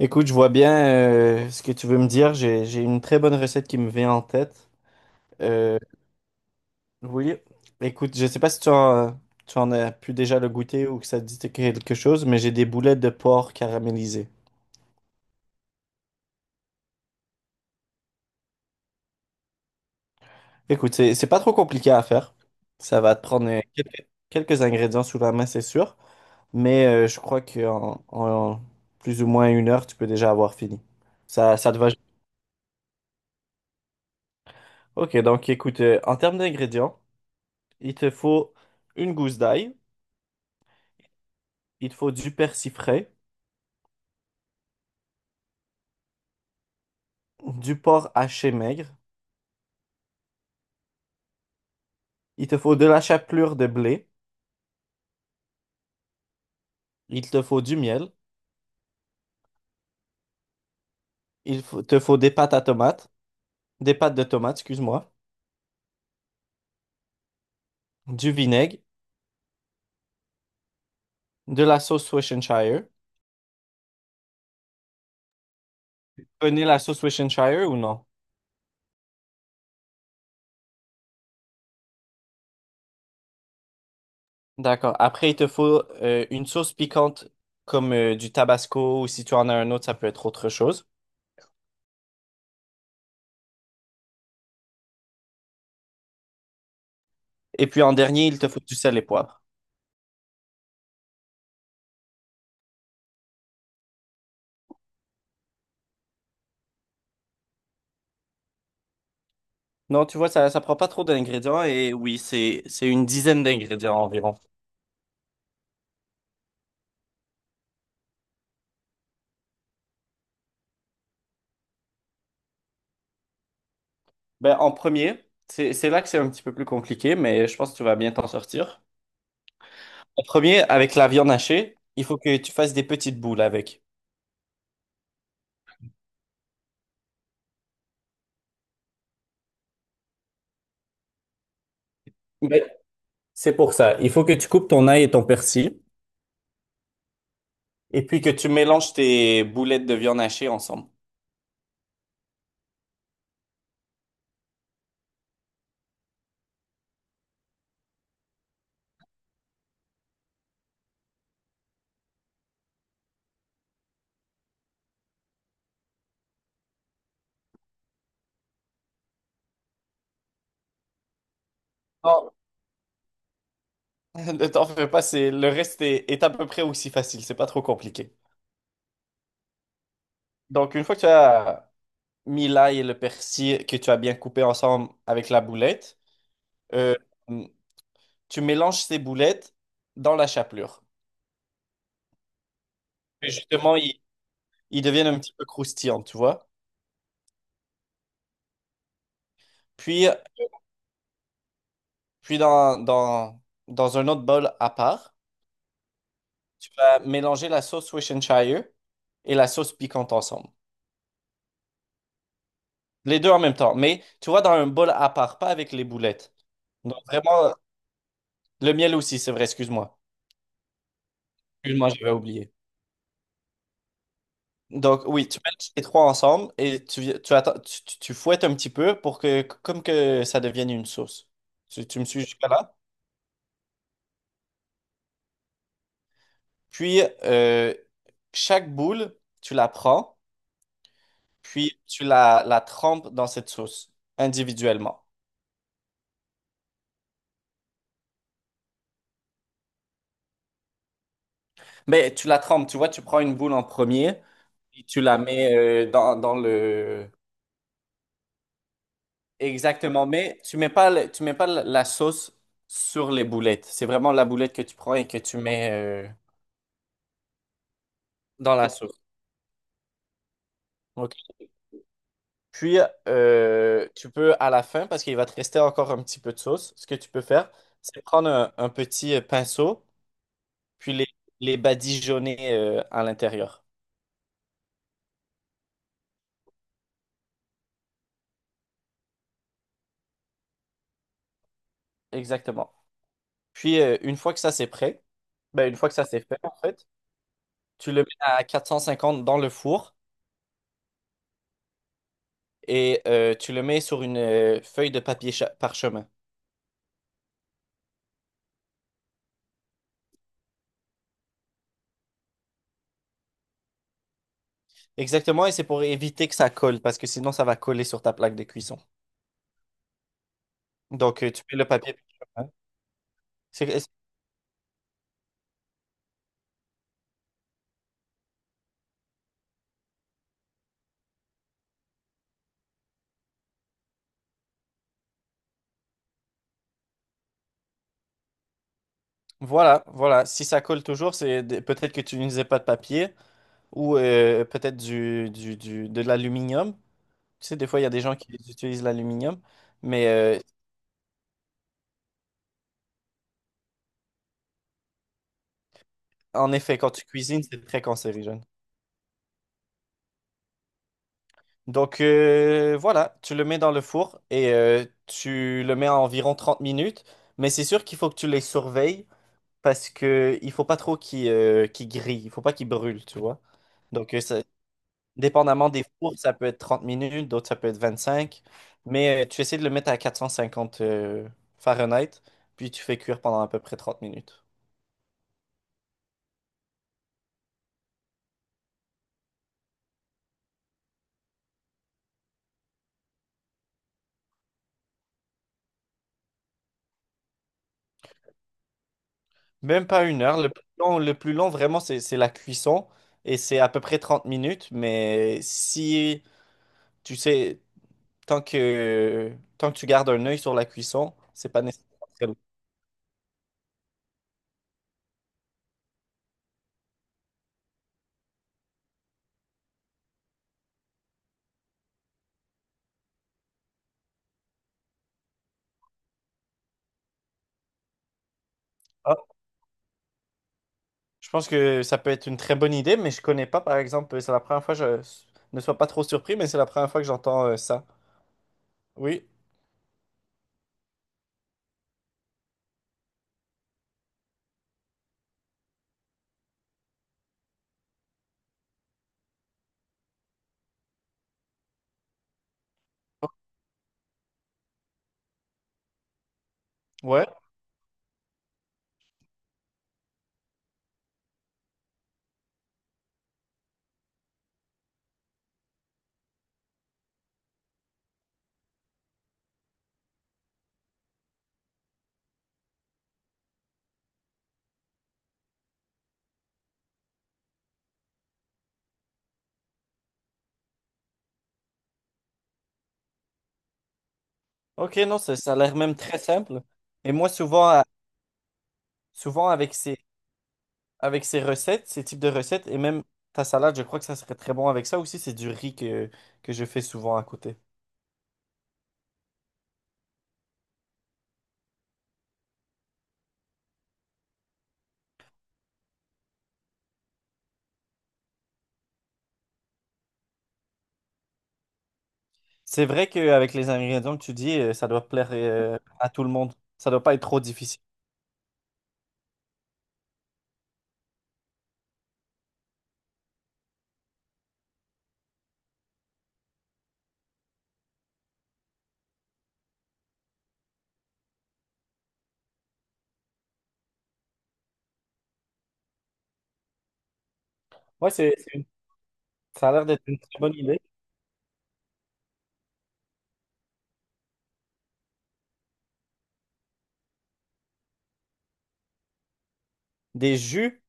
Écoute, je vois bien ce que tu veux me dire. J'ai une très bonne recette qui me vient en tête. Euh, oui, écoute, je sais pas si tu en as pu déjà le goûter ou que ça te dit quelque chose, mais j'ai des boulettes de porc caramélisées. Écoute, c'est pas trop compliqué à faire. Ça va te prendre quelques ingrédients sous la main, c'est sûr, mais je crois qu'en en plus ou moins 1 heure, tu peux déjà avoir fini. Ça te va. Ok, donc écoute, en termes d'ingrédients, il te faut une gousse d'ail. Il te faut du persil frais, du porc haché maigre, il te faut de la chapelure de blé, il te faut du miel, te faut des pâtes à tomates, des pâtes de tomates, excuse-moi, du vinaigre, de la sauce Worcestershire. Prenez la sauce Worcestershire ou non? D'accord. Après, il te faut une sauce piquante comme du Tabasco ou si tu en as un autre, ça peut être autre chose. Et puis en dernier, il te faut du sel et poivre. Non, tu vois, ça prend pas trop d'ingrédients et oui, c'est une dizaine d'ingrédients environ. Ben, en premier, c'est là que c'est un petit peu plus compliqué, mais je pense que tu vas bien t'en sortir. En premier, avec la viande hachée, il faut que tu fasses des petites boules avec. Oui, c'est pour ça. Il faut que tu coupes ton ail et ton persil, et puis que tu mélanges tes boulettes de viande hachée ensemble. Non, ne t'en fais pas, c'est le reste est à peu près aussi facile, c'est pas trop compliqué. Donc, une fois que tu as mis l'ail et le persil que tu as bien coupé ensemble avec la boulette, euh, tu mélanges ces boulettes dans la chapelure. Et justement, il ils deviennent un petit peu croustillants, tu vois. Puis, puis dans un autre bol à part, tu vas mélanger la sauce Worcestershire et la sauce piquante ensemble. Les deux en même temps, mais tu vois, dans un bol à part, pas avec les boulettes. Donc vraiment, le miel aussi, c'est vrai, excuse-moi. Excuse-moi, j'avais oublié. Donc oui, tu mets les trois ensemble et tu, vi- tu, attends, tu- tu fouettes un petit peu pour que, comme que ça devienne une sauce. Tu me suis jusqu'à là? Puis, chaque boule, tu la prends. Puis la trempes dans cette sauce individuellement. Mais tu la trempes, tu vois, tu prends une boule en premier et tu la mets dans le... Exactement, mais tu mets pas la sauce sur les boulettes. C'est vraiment la boulette que tu prends et que tu mets euh, dans la sauce. Ok. Puis, tu peux, à la fin, parce qu'il va te rester encore un petit peu de sauce, ce que tu peux faire, c'est prendre un petit pinceau, puis les badigeonner à l'intérieur. Exactement. Puis, une fois que ça c'est prêt, ben, une fois que ça c'est fait, en fait, tu le mets à 450 dans le four et tu le mets sur une feuille de parchemin. Exactement, et c'est pour éviter que ça colle, parce que sinon ça va coller sur ta plaque de cuisson. Donc, tu mets le papier parchemin. c'est- Voilà, voilà. Si ça colle toujours, peut-être que tu n'utilisais pas de papier ou peut-être de l'aluminium. Tu sais, des fois, il y a des gens qui utilisent l'aluminium, mais en effet, quand tu cuisines, c'est très cancérigène. Donc voilà, tu le mets dans le four et tu le mets à environ 30 minutes. Mais c'est sûr qu'il faut que tu les surveilles parce que il faut pas trop qu'ils grillent, il faut pas qu'ils brûlent, tu vois. Donc dépendamment des fours, ça peut être 30 minutes, d'autres ça peut être 25. Mais tu essaies de le mettre à 450 Fahrenheit, puis tu fais cuire pendant à peu près 30 minutes. Même pas 1 heure. Le plus long vraiment, c'est la cuisson et c'est à peu près 30 minutes. Mais si tu sais. Tant que tu gardes un œil sur la cuisson, c'est pas nécessairement très lourd. Ah, je pense que ça peut être une très bonne idée, mais je connais pas, par exemple, c'est la première fois, je ne sois pas trop surpris, mais c'est la première fois que j'entends ça. Oui, ouais. Ok, non, ça a l'air même très simple. Et moi, souvent, souvent avec ces recettes, ces types de recettes, et même ta salade, je crois que ça serait très bon avec ça aussi. C'est du riz que je fais souvent à côté. C'est vrai qu'avec les ingrédients que tu dis, ça doit plaire à tout le monde. Ça doit pas être trop difficile. Ouais, ça a l'air d'être une très bonne idée. Des jus.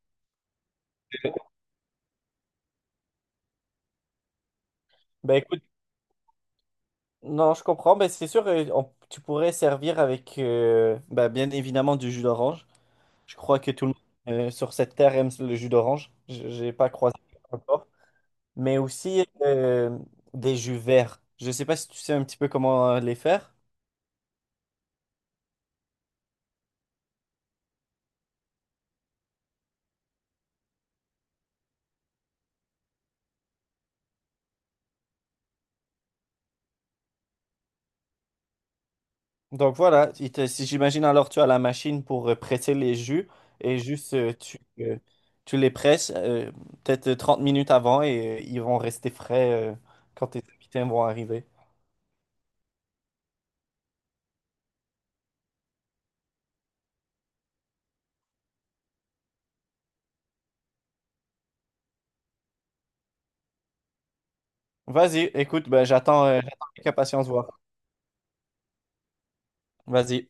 Ben écoute, non, je comprends. Ben c'est sûr, tu pourrais servir avec, ben, bien évidemment, du jus d'orange. Je crois que tout le monde sur cette terre aime le jus d'orange. J'ai pas croisé encore. Mais aussi des jus verts. Je sais pas si tu sais un petit peu comment les faire. Donc voilà, si j'imagine alors tu as la machine pour presser les jus et juste tu les presses peut-être 30 minutes avant et ils vont rester frais quand tes invités vont arriver. Vas-y, écoute, ben, j'attends j'attends avec impatience voir. Vas-y.